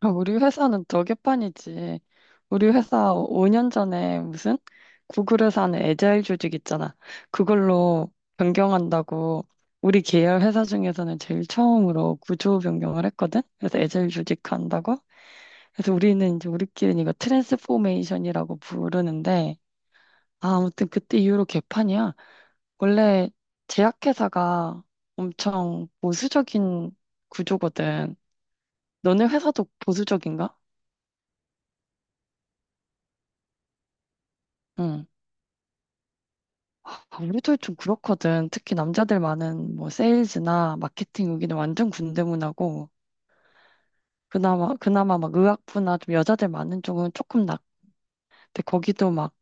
아, 우리 회사는 더 개판이지. 우리 회사 5년 전에 무슨 구글에서 하는 에자일 조직 있잖아. 그걸로 변경한다고 우리 계열 회사 중에서는 제일 처음으로 구조 변경을 했거든. 그래서 에자일 조직 한다고. 그래서 우리는 이제 우리끼리는 이거 트랜스포메이션이라고 부르는데 아, 아무튼 그때 이후로 개판이야. 원래 제약회사가 엄청 보수적인 구조거든. 너네 회사도 보수적인가? 응. 아, 우리도 좀 그렇거든. 특히 남자들 많은 뭐 세일즈나 마케팅 여기는 완전 군대 문화고 그나마 막 의학부나 좀 여자들 많은 쪽은 조금 낫. 근데 거기도 막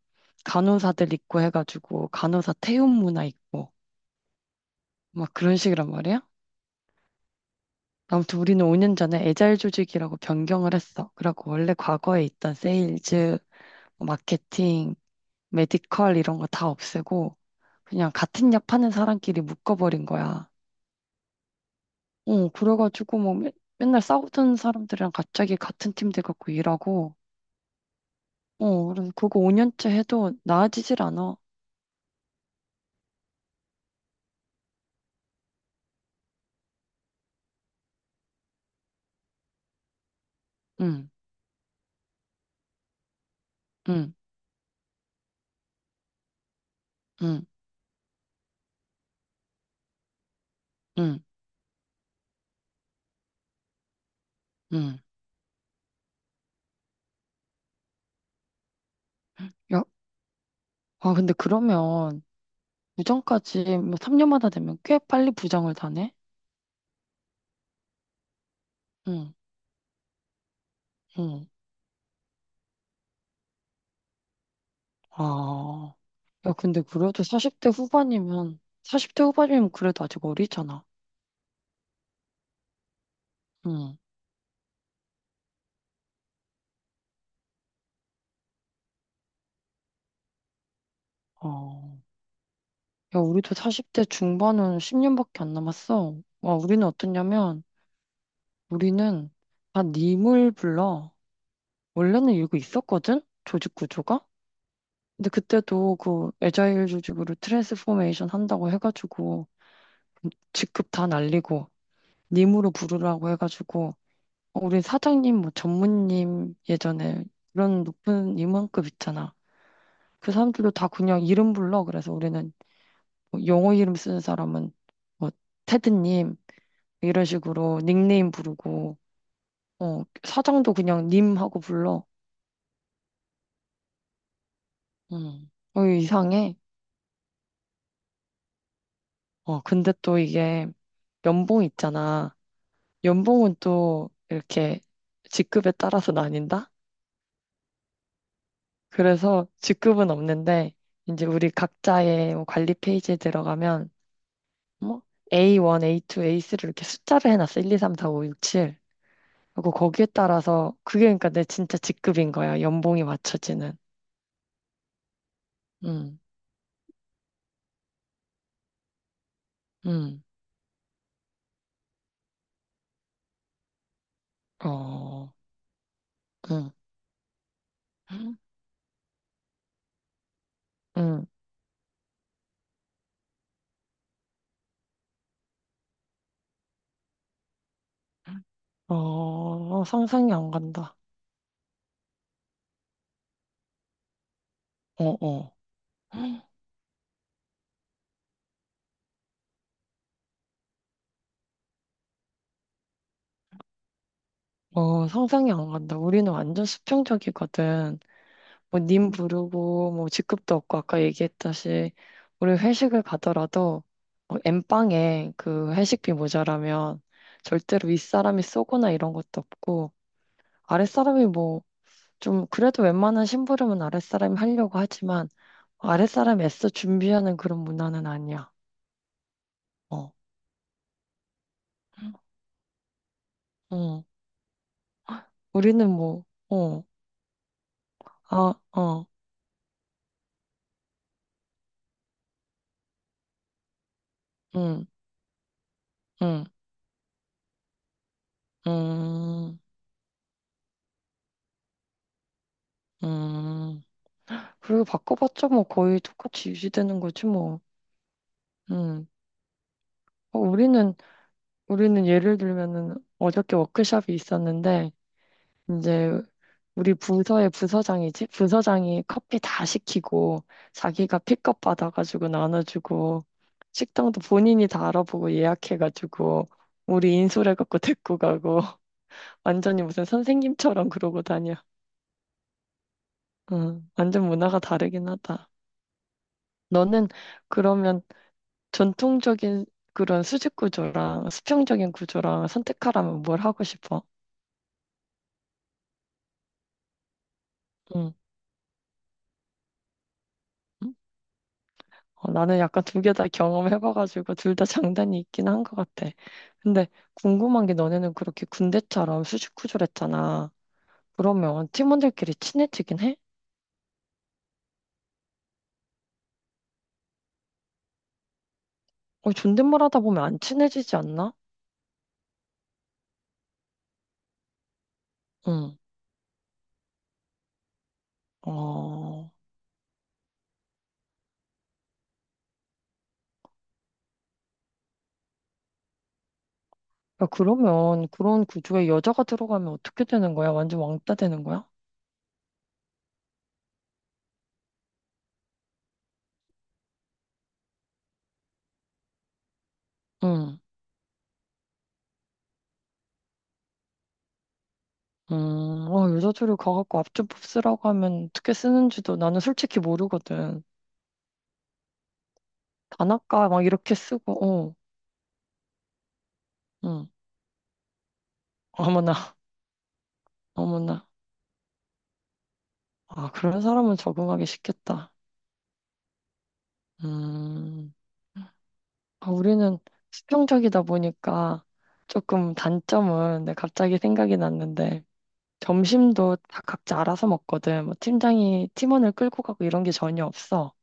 간호사들 있고 해가지고 간호사 태움 문화 있고 막 그런 식이란 말이야. 아무튼 우리는 5년 전에 에자일 조직이라고 변경을 했어. 그래갖고 원래 과거에 있던 세일즈, 뭐 마케팅, 메디컬 이런 거 다 없애고 그냥 같은 약 파는 사람끼리 묶어버린 거야. 어, 그래가지고 뭐 맨날 싸우던 사람들이랑 갑자기 같은 팀 돼갖고 일하고, 어, 그래서 그거 5년째 해도 나아지질 않아. 응, 응, 응, 응, 응. 야, 아, 근데 그러면 부장까지 뭐 3년마다 되면 꽤 빨리 부장을 다네? 응, 응. 아, 야, 근데 그래도 40대 후반이면, 40대 후반이면 그래도 아직 어리잖아. 응, 어. 야, 우리도 40대 중반은 10년밖에 안 남았어. 와, 우리는 어떠냐면, 우리는 다 님을 불러. 원래는 이거 있었거든? 조직 구조가? 근데 그때도 그 애자일 조직으로 트랜스포메이션 한다고 해가지고 직급 다 날리고 님으로 부르라고 해가지고 어, 우리 사장님, 뭐 전무님 예전에 그런 높은 임원급 있잖아. 그 사람들도 다 그냥 이름 불러. 그래서 우리는 뭐 영어 이름 쓰는 사람은 뭐 테드님 이런 식으로 닉네임 부르고 어, 사장도 그냥 님하고 불러. 음. 어, 이거 이상해. 어, 근데 또 이게 연봉 있잖아. 연봉은 또 이렇게 직급에 따라서 나뉜다? 그래서 직급은 없는데, 이제 우리 각자의 뭐 관리 페이지에 들어가면, 뭐, A1, A2, A3 이렇게 숫자를 해놨어. 1, 2, 3, 4, 5, 6, 7. 그리고 거기에 따라서, 그게 그러니까 내 진짜 직급인 거야. 연봉이 맞춰지는. 음, 음, 어, 음, 음, 어, 상상이 안 간다. 어, 어. 어, 상상이 안 간다. 우리는 완전 수평적이거든. 뭐, 님 부르고, 뭐, 직급도 없고, 아까 얘기했다시, 우리 회식을 가더라도, 어, 엠빵에 그 회식비 모자라면, 절대로 윗사람이 쏘거나 이런 것도 없고, 아랫사람이 뭐, 좀, 그래도 웬만한 심부름은 아랫사람이 하려고 하지만, 아랫사람이 애써 준비하는 그런 문화는 아니야. 어, 응. 우리는 뭐, 어, 아, 어, 응, 응, 응, 응. 그리고 바꿔봤자 뭐 거의 똑같이 유지되는 거지 뭐. 음. 어, 우리는 예를 들면은 어저께 워크숍이 있었는데 이제 우리 부서의 부서장이지 부서장이 커피 다 시키고 자기가 픽업 받아가지고 나눠주고 식당도 본인이 다 알아보고 예약해가지고 우리 인솔해갖고 데리고 가고 완전히 무슨 선생님처럼 그러고 다녀. 음. 완전 문화가 다르긴 하다. 너는 그러면 전통적인 그런 수직 구조랑 수평적인 구조랑 선택하라면 뭘 하고 싶어? 응. 응? 어, 나는 약간 두 개 다 경험해봐가지고 둘 다 장단이 있긴 한 것 같아. 근데 궁금한 게 너네는 그렇게 군대처럼 수직 구조를 했잖아. 그러면 팀원들끼리 친해지긴 해? 어, 존댓말 하다 보면 안 친해지지 않나? 응. 어. 야, 그러면 그런 구조에 여자가 들어가면 어떻게 되는 거야? 완전 왕따 되는 거야? 응. 어, 유자초를 가갖고 앞주법 쓰라고 하면 어떻게 쓰는지도 나는 솔직히 모르거든. 단아까 막 이렇게 쓰고, 어, 응. 어머나, 어머나. 아, 그런 사람은 적응하기 쉽겠다. 음, 아, 우리는 수평적이다 보니까 조금 단점은 내 갑자기 생각이 났는데, 점심도 다 각자 알아서 먹거든. 뭐 팀장이 팀원을 끌고 가고 이런 게 전혀 없어.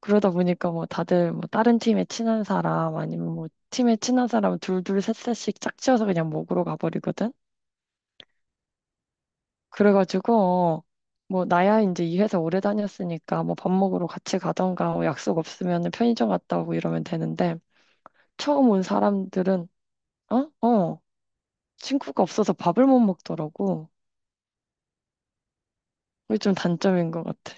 그러다 보니까 뭐 다들 뭐 다른 팀에 친한 사람 아니면 뭐 팀에 친한 사람 둘둘 셋셋씩 짝지어서 그냥 먹으러 가버리거든. 그래가지고 뭐 나야 이제 이 회사 오래 다녔으니까 뭐 밥 먹으러 같이 가던가 뭐 약속 없으면 편의점 갔다 오고 이러면 되는데 처음 온 사람들은 어? 어. 친구가 없어서 밥을 못 먹더라고. 그게 좀 단점인 것 같아.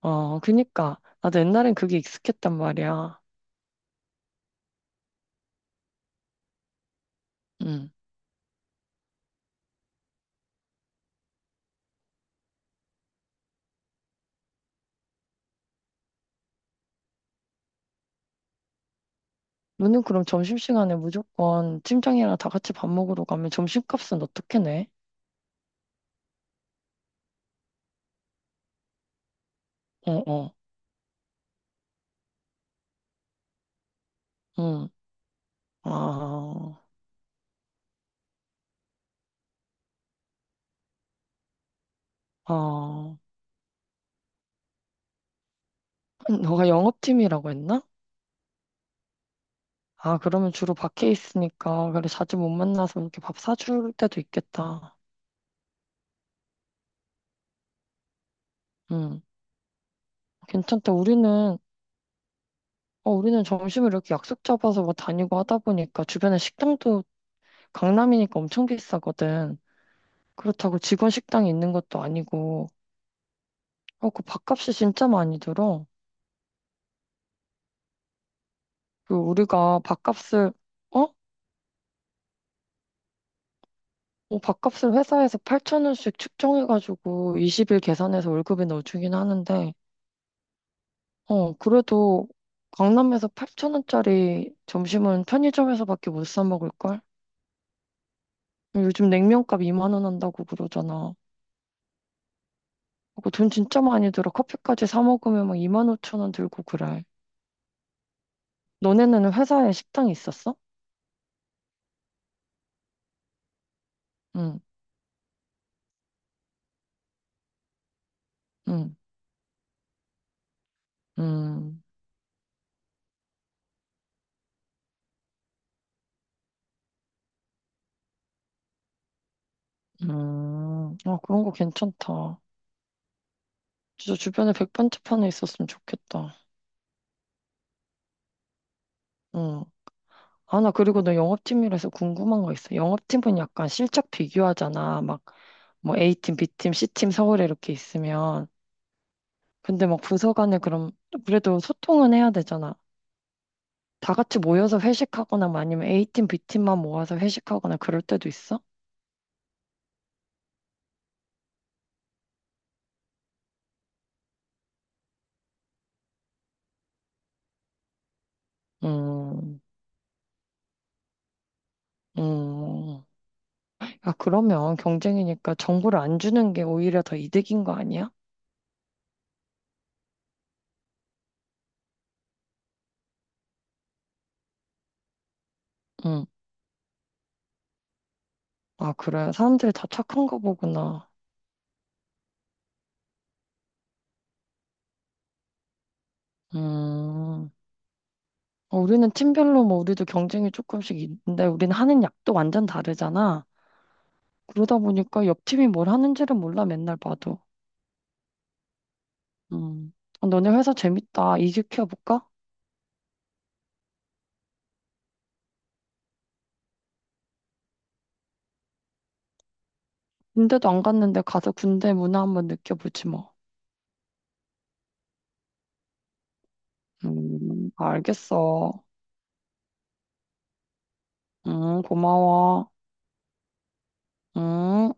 어, 그니까. 나도 옛날엔 그게 익숙했단 말이야. 음. 너는 그럼 점심시간에 무조건 팀장이랑 다 같이 밥 먹으러 가면 점심값은 어떻게 내? 어, 어, 응. 아, 아. 너가 영업팀이라고 했나? 아, 그러면 주로 밖에 있으니까, 그래, 자주 못 만나서 이렇게 밥 사줄 때도 있겠다. 응. 괜찮다. 우리는, 어, 우리는 점심을 이렇게 약속 잡아서 뭐 다니고 하다 보니까 주변에 식당도 강남이니까 엄청 비싸거든. 그렇다고 직원 식당이 있는 것도 아니고, 어, 그 밥값이 진짜 많이 들어. 그 우리가 밥값을 어? 뭐 밥값을 회사에서 8천 원씩 측정해가지고 20일 계산해서 월급에 넣어주긴 하는데 어 그래도 강남에서 8천 원짜리 점심은 편의점에서밖에 못 사 먹을걸? 요즘 냉면값 2만 원 한다고 그러잖아. 그거 돈 진짜 많이 들어. 커피까지 사 먹으면 막 2만 5천 원 들고 그래. 너네는 회사에 식당이 있었어? 응, 응, 응, 응. 아, 그런 거 괜찮다. 진짜 주변에 백반집 하나 있었으면 좋겠다. 응. 아, 나 그리고 너 영업팀이라서 궁금한 거 있어. 영업팀은 약간 실적 비교하잖아. 막, 뭐 A팀, B팀, C팀 서울에 이렇게 있으면. 근데 막 부서 간에 그럼 그래도 소통은 해야 되잖아. 다 같이 모여서 회식하거나 뭐 아니면 A팀, B팀만 모아서 회식하거나 그럴 때도 있어? 음, 음. 야, 그러면 경쟁이니까 정보를 안 주는 게 오히려 더 이득인 거 아니야? 응. 아, 그래. 사람들이 다 착한 거 보구나. 음. 어, 우리는 팀별로 뭐 우리도 경쟁이 조금씩 있는데 우리는 하는 약도 완전 다르잖아. 그러다 보니까 옆 팀이 뭘 하는지를 몰라 맨날 봐도. 음. 아, 너네 회사 재밌다. 이직해볼까? 군대도 안 갔는데 가서 군대 문화 한번 느껴보지 뭐. 알겠어. 고마워. 음.